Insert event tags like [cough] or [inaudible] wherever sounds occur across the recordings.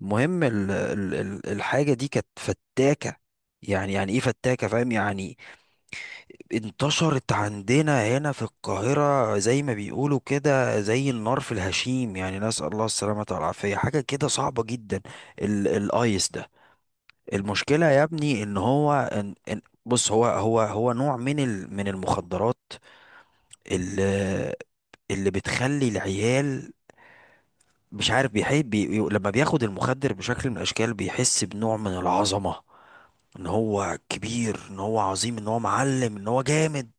المهم الحاجة دي كانت فتاكة. يعني ايه فتاكة، فاهم يعني. انتشرت عندنا هنا في القاهرة زي ما بيقولوا كده زي النار في الهشيم، يعني نسأل الله السلامة والعافية، حاجة كده صعبة جدا. الايس ده. المشكلة يا ابني ان هو ان. بص هو نوع من ال من المخدرات اللي اللي بتخلي العيال مش عارف بيحب بي لما بياخد المخدر بشكل من الاشكال بيحس بنوع من العظمة، ان هو كبير، ان هو عظيم، ان هو معلم، ان هو جامد.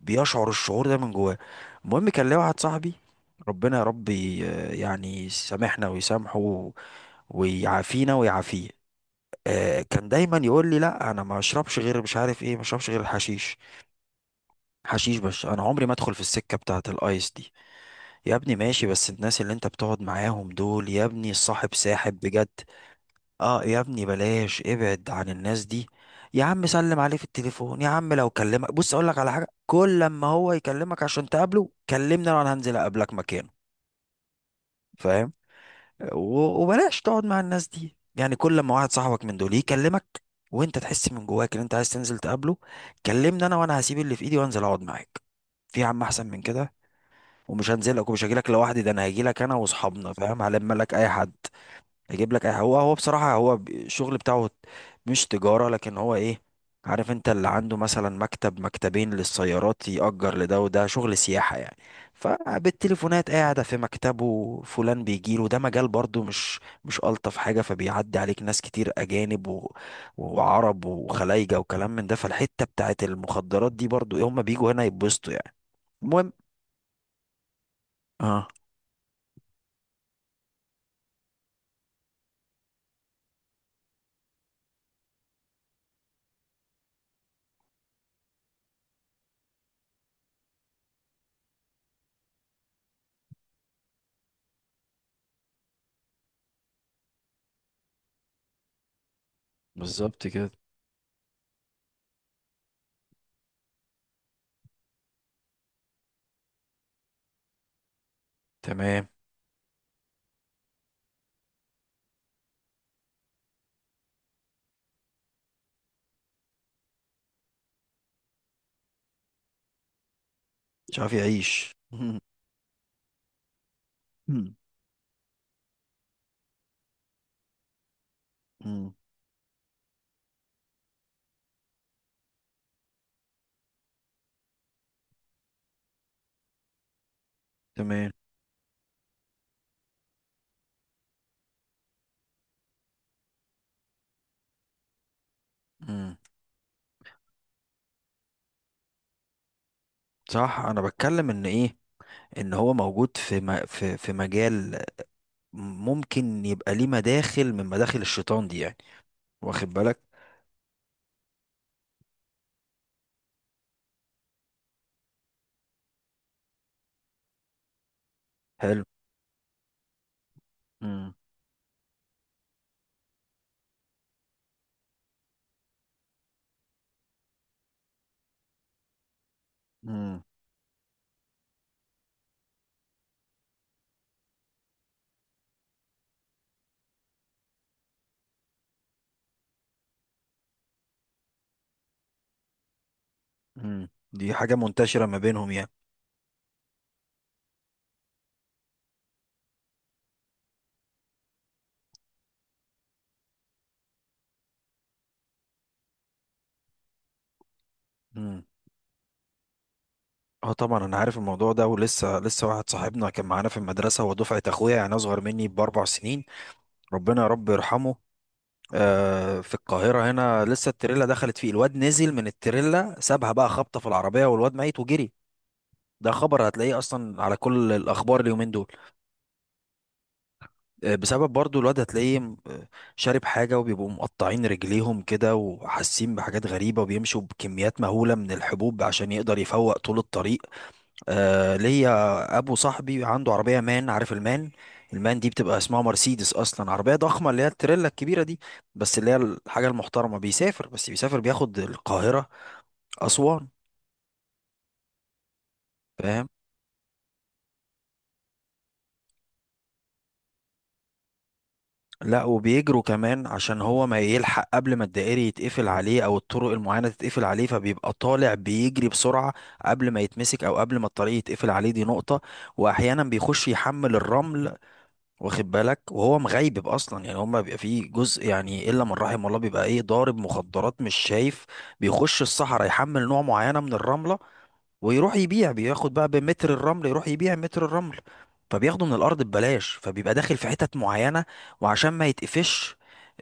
بيشعر الشعور ده من جواه. المهم كان ليا واحد صاحبي، ربنا يا رب يعني يسامحنا ويسامحه ويعافينا ويعافيه. آه، كان دايما يقول لي لا انا ما اشربش غير مش عارف ايه، ما اشربش غير الحشيش، حشيش بس، انا عمري ما ادخل في السكه بتاعه الايس دي. يا ابني ماشي، بس الناس اللي انت بتقعد معاهم دول يا ابني الصاحب ساحب بجد. اه يا ابني بلاش، ابعد عن الناس دي. يا عم سلم عليه في التليفون، يا عم لو كلمك، بص اقول لك على حاجه، كل لما هو يكلمك عشان تقابله كلمني انا، هنزل اقابلك مكانه، فاهم؟ وبلاش تقعد مع الناس دي. يعني كل لما واحد صاحبك من دول يكلمك وانت تحس من جواك ان انت عايز تنزل تقابله، كلمني انا وانا هسيب اللي في ايدي وانزل اقعد معاك في يا عم، احسن من كده. ومش هنزلك ومش هجيلك لوحدي، ده انا هجيلك انا واصحابنا، فاهم؟ هلم لك اي حد هيجيب لك هو بصراحة هو الشغل بتاعه مش تجارة، لكن هو ايه، عارف انت اللي عنده مثلا مكتب مكتبين للسيارات يأجر لده وده، شغل سياحة يعني. فبالتليفونات قاعدة في مكتبه فلان بيجيله، ده مجال برضو مش مش ألطف حاجة، فبيعدي عليك ناس كتير أجانب وعرب وخلايجة وكلام من ده، فالحتة بتاعت المخدرات دي برضو ايه، هما بيجوا هنا يتبسطوا يعني. المهم، اه، بالظبط كده، تمام. مش عارف يعيش [laughs] مم. تمام. مم. صح، انا بتكلم ان ايه، ان هو موجود في م... في في مجال ممكن يبقى ليه مداخل من مداخل الشيطان دي يعني، واخد بالك؟ حلو. مم. مم. مم. دي حاجة منتشرة ما بينهم يعني. مم. اه طبعا انا عارف الموضوع ده، ولسه واحد صاحبنا كان معانا في المدرسة، هو دفعة اخويا يعني اصغر مني باربع سنين، ربنا يا رب يرحمه. آه، في القاهرة هنا، لسه التريلا دخلت فيه الواد، نزل من التريلا سابها بقى، خبطة في العربية والواد ميت وجري. ده خبر هتلاقيه اصلا على كل الاخبار اليومين دول. آه، بسبب برضو الواد هتلاقيه شارب حاجه، وبيبقوا مقطعين رجليهم كده وحاسين بحاجات غريبه، وبيمشوا بكميات مهوله من الحبوب عشان يقدر يفوق طول الطريق. آه، ليا ابو صاحبي عنده عربيه مان، عارف المان؟ المان دي بتبقى اسمها مرسيدس اصلا، عربيه ضخمه اللي هي التريلا الكبيره دي، بس اللي هي الحاجه المحترمه. بيسافر بس، بيسافر بياخد القاهره اسوان، فاهم؟ لا وبيجروا كمان عشان هو ما يلحق قبل ما الدائري يتقفل عليه او الطرق المعينة تتقفل عليه، فبيبقى طالع بيجري بسرعة قبل ما يتمسك او قبل ما الطريق يتقفل عليه، دي نقطة. واحيانا بيخش يحمل الرمل، واخد بالك؟ وهو مغيب اصلا، يعني هما بيبقى فيه جزء، يعني الا من رحم الله، بيبقى ايه، ضارب مخدرات، مش شايف. بيخش الصحراء يحمل نوع معينة من الرملة، ويروح يبيع، بياخد بقى بمتر الرمل يروح يبيع متر الرمل، فبياخده من الارض ببلاش، فبيبقى داخل في حتت معينة. وعشان ما يتقفش،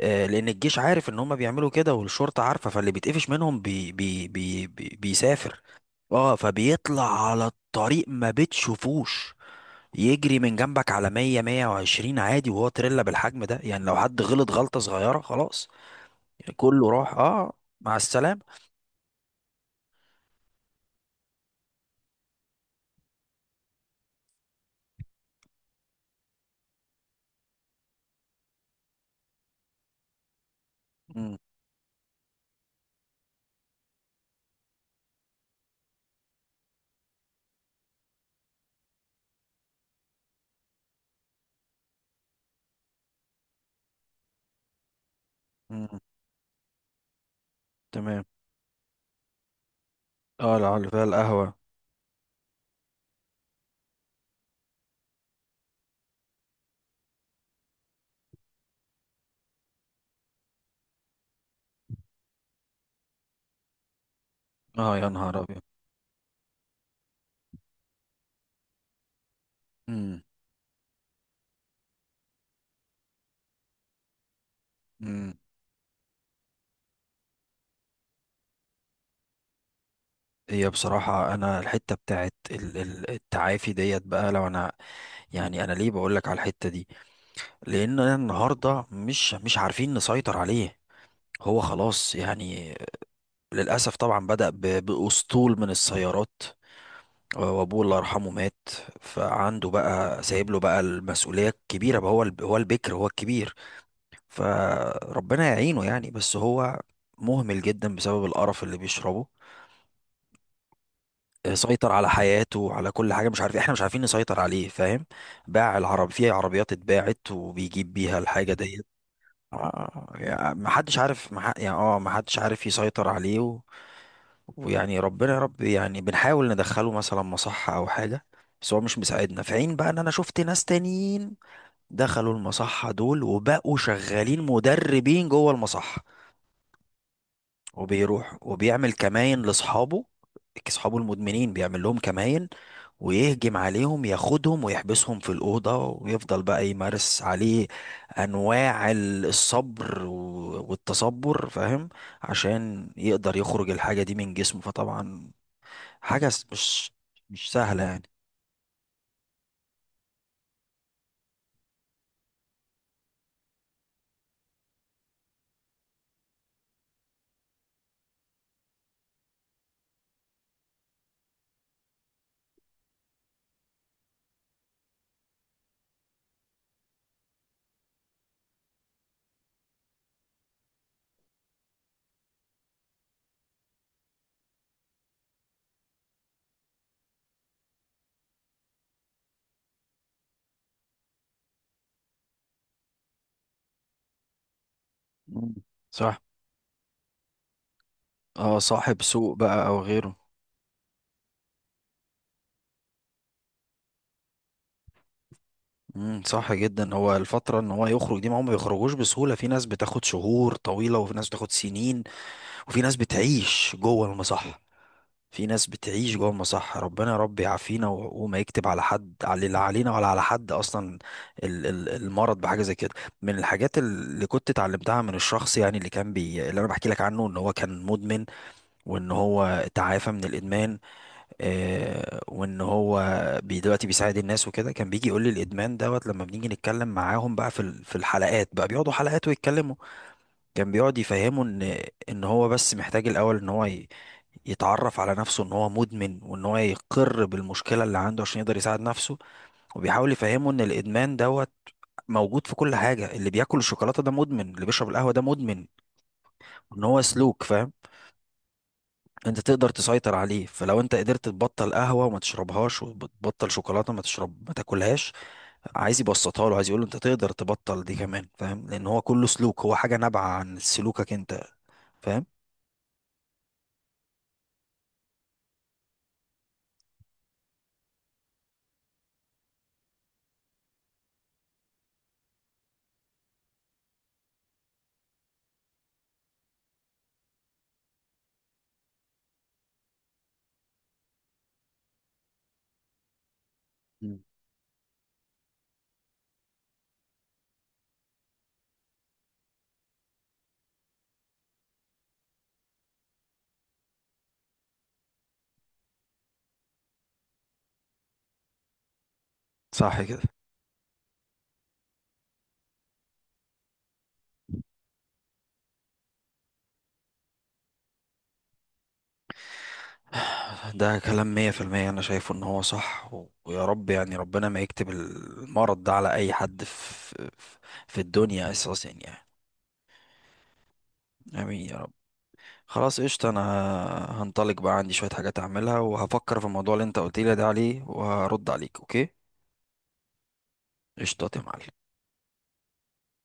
آه، لان الجيش عارف ان هم بيعملوا كده والشرطة عارفة، فاللي بيتقفش منهم بي بي بي بي بيسافر اه فبيطلع على الطريق ما بتشوفوش، يجري من جنبك على 100 120 عادي، وهو تريلا بالحجم ده. يعني لو حد غلط غلطة صغيرة خلاص، يعني كله راح، اه مع السلامة. مم، مم، تمام. اه اللي فيها القهوة. اه يا نهار ابيض. امم امم هي بصراحة أنا الحتة بتاعت التعافي ديت بقى، لو أنا، يعني أنا ليه بقولك على الحتة دي؟ لأن أنا النهاردة مش عارفين نسيطر عليه، هو خلاص يعني. للأسف طبعا بدأ بأسطول من السيارات، وأبوه الله يرحمه مات، فعنده بقى سايب له بقى المسؤولية الكبيرة بقى، هو هو البكر، هو الكبير. فربنا يعينه يعني، بس هو مهمل جدا بسبب القرف اللي بيشربه، سيطر على حياته وعلى كل حاجه. مش عارف، احنا مش عارفين نسيطر عليه، فاهم؟ باع العرب، في عربيات اتباعت وبيجيب بيها الحاجه ديت. آه، يعني ما حدش عارف، ما ح- يعني اه ما حدش عارف يسيطر عليه ويعني ربنا يا رب، يعني بنحاول ندخله مثلا مصحه او حاجه، بس هو مش مساعدنا. في عين بقى ان انا شفت ناس تانيين دخلوا المصحه دول وبقوا شغالين مدربين جوه المصحه، وبيروح وبيعمل كماين لاصحابه، اصحابه المدمنين بيعمل لهم كماين، ويهجم عليهم ياخدهم ويحبسهم في الأوضة، ويفضل بقى يمارس عليه أنواع الصبر والتصبر، فاهم؟ عشان يقدر يخرج الحاجة دي من جسمه. فطبعا حاجة مش سهلة يعني. مم. صح. اه صاحب سوء بقى أو غيره. صح جدا. هو الفترة ان هو يخرج دي، ما هم بيخرجوش بسهولة، في ناس بتاخد شهور طويلة وفي ناس بتاخد سنين، وفي ناس بتعيش جوه المصحة، في ناس بتعيش جوه المصحة. ربنا يا رب يعافينا وما يكتب على حد، على لا علينا ولا على حد أصلا المرض بحاجة زي كده. من الحاجات اللي كنت اتعلمتها من الشخص يعني اللي كان بي، اللي أنا بحكي لك عنه، إن هو كان مدمن، وإن هو تعافى من الإدمان. آه، وإن هو بي دلوقتي بيساعد الناس وكده. كان بيجي يقول لي الإدمان دوت لما بنيجي نتكلم معاهم بقى في في الحلقات بقى، بيقعدوا حلقات ويتكلموا. كان بيقعد يفهمه ان هو بس محتاج الاول ان هو يتعرف على نفسه ان هو مدمن، وان هو يقر بالمشكله اللي عنده عشان يقدر يساعد نفسه. وبيحاول يفهمه ان الادمان دوت موجود في كل حاجه، اللي بياكل الشوكولاته ده مدمن، اللي بيشرب القهوه ده مدمن، ان هو سلوك، فاهم؟ انت تقدر تسيطر عليه، فلو انت قدرت تبطل قهوه وما تشربهاش، وتبطل شوكولاته ما تشرب ما تاكلهاش، عايز يبسطها له، عايز يقول له انت تقدر تبطل دي كمان، فاهم؟ لان هو كله سلوك، هو حاجه نابعه عن سلوكك انت، فاهم؟ مم. صح كده. ده كلام مية في المية، أنا شايفه إن هو صح. ويا رب يعني ربنا ما يكتب المرض ده على أي حد في في الدنيا أساسا يعني. آمين يا رب. خلاص قشطة، أنا هنطلق بقى، عندي شوية حاجات أعملها، وهفكر في الموضوع اللي أنت قلت لي ده عليه وهرد عليك، أوكي؟ قشطة يا معلم.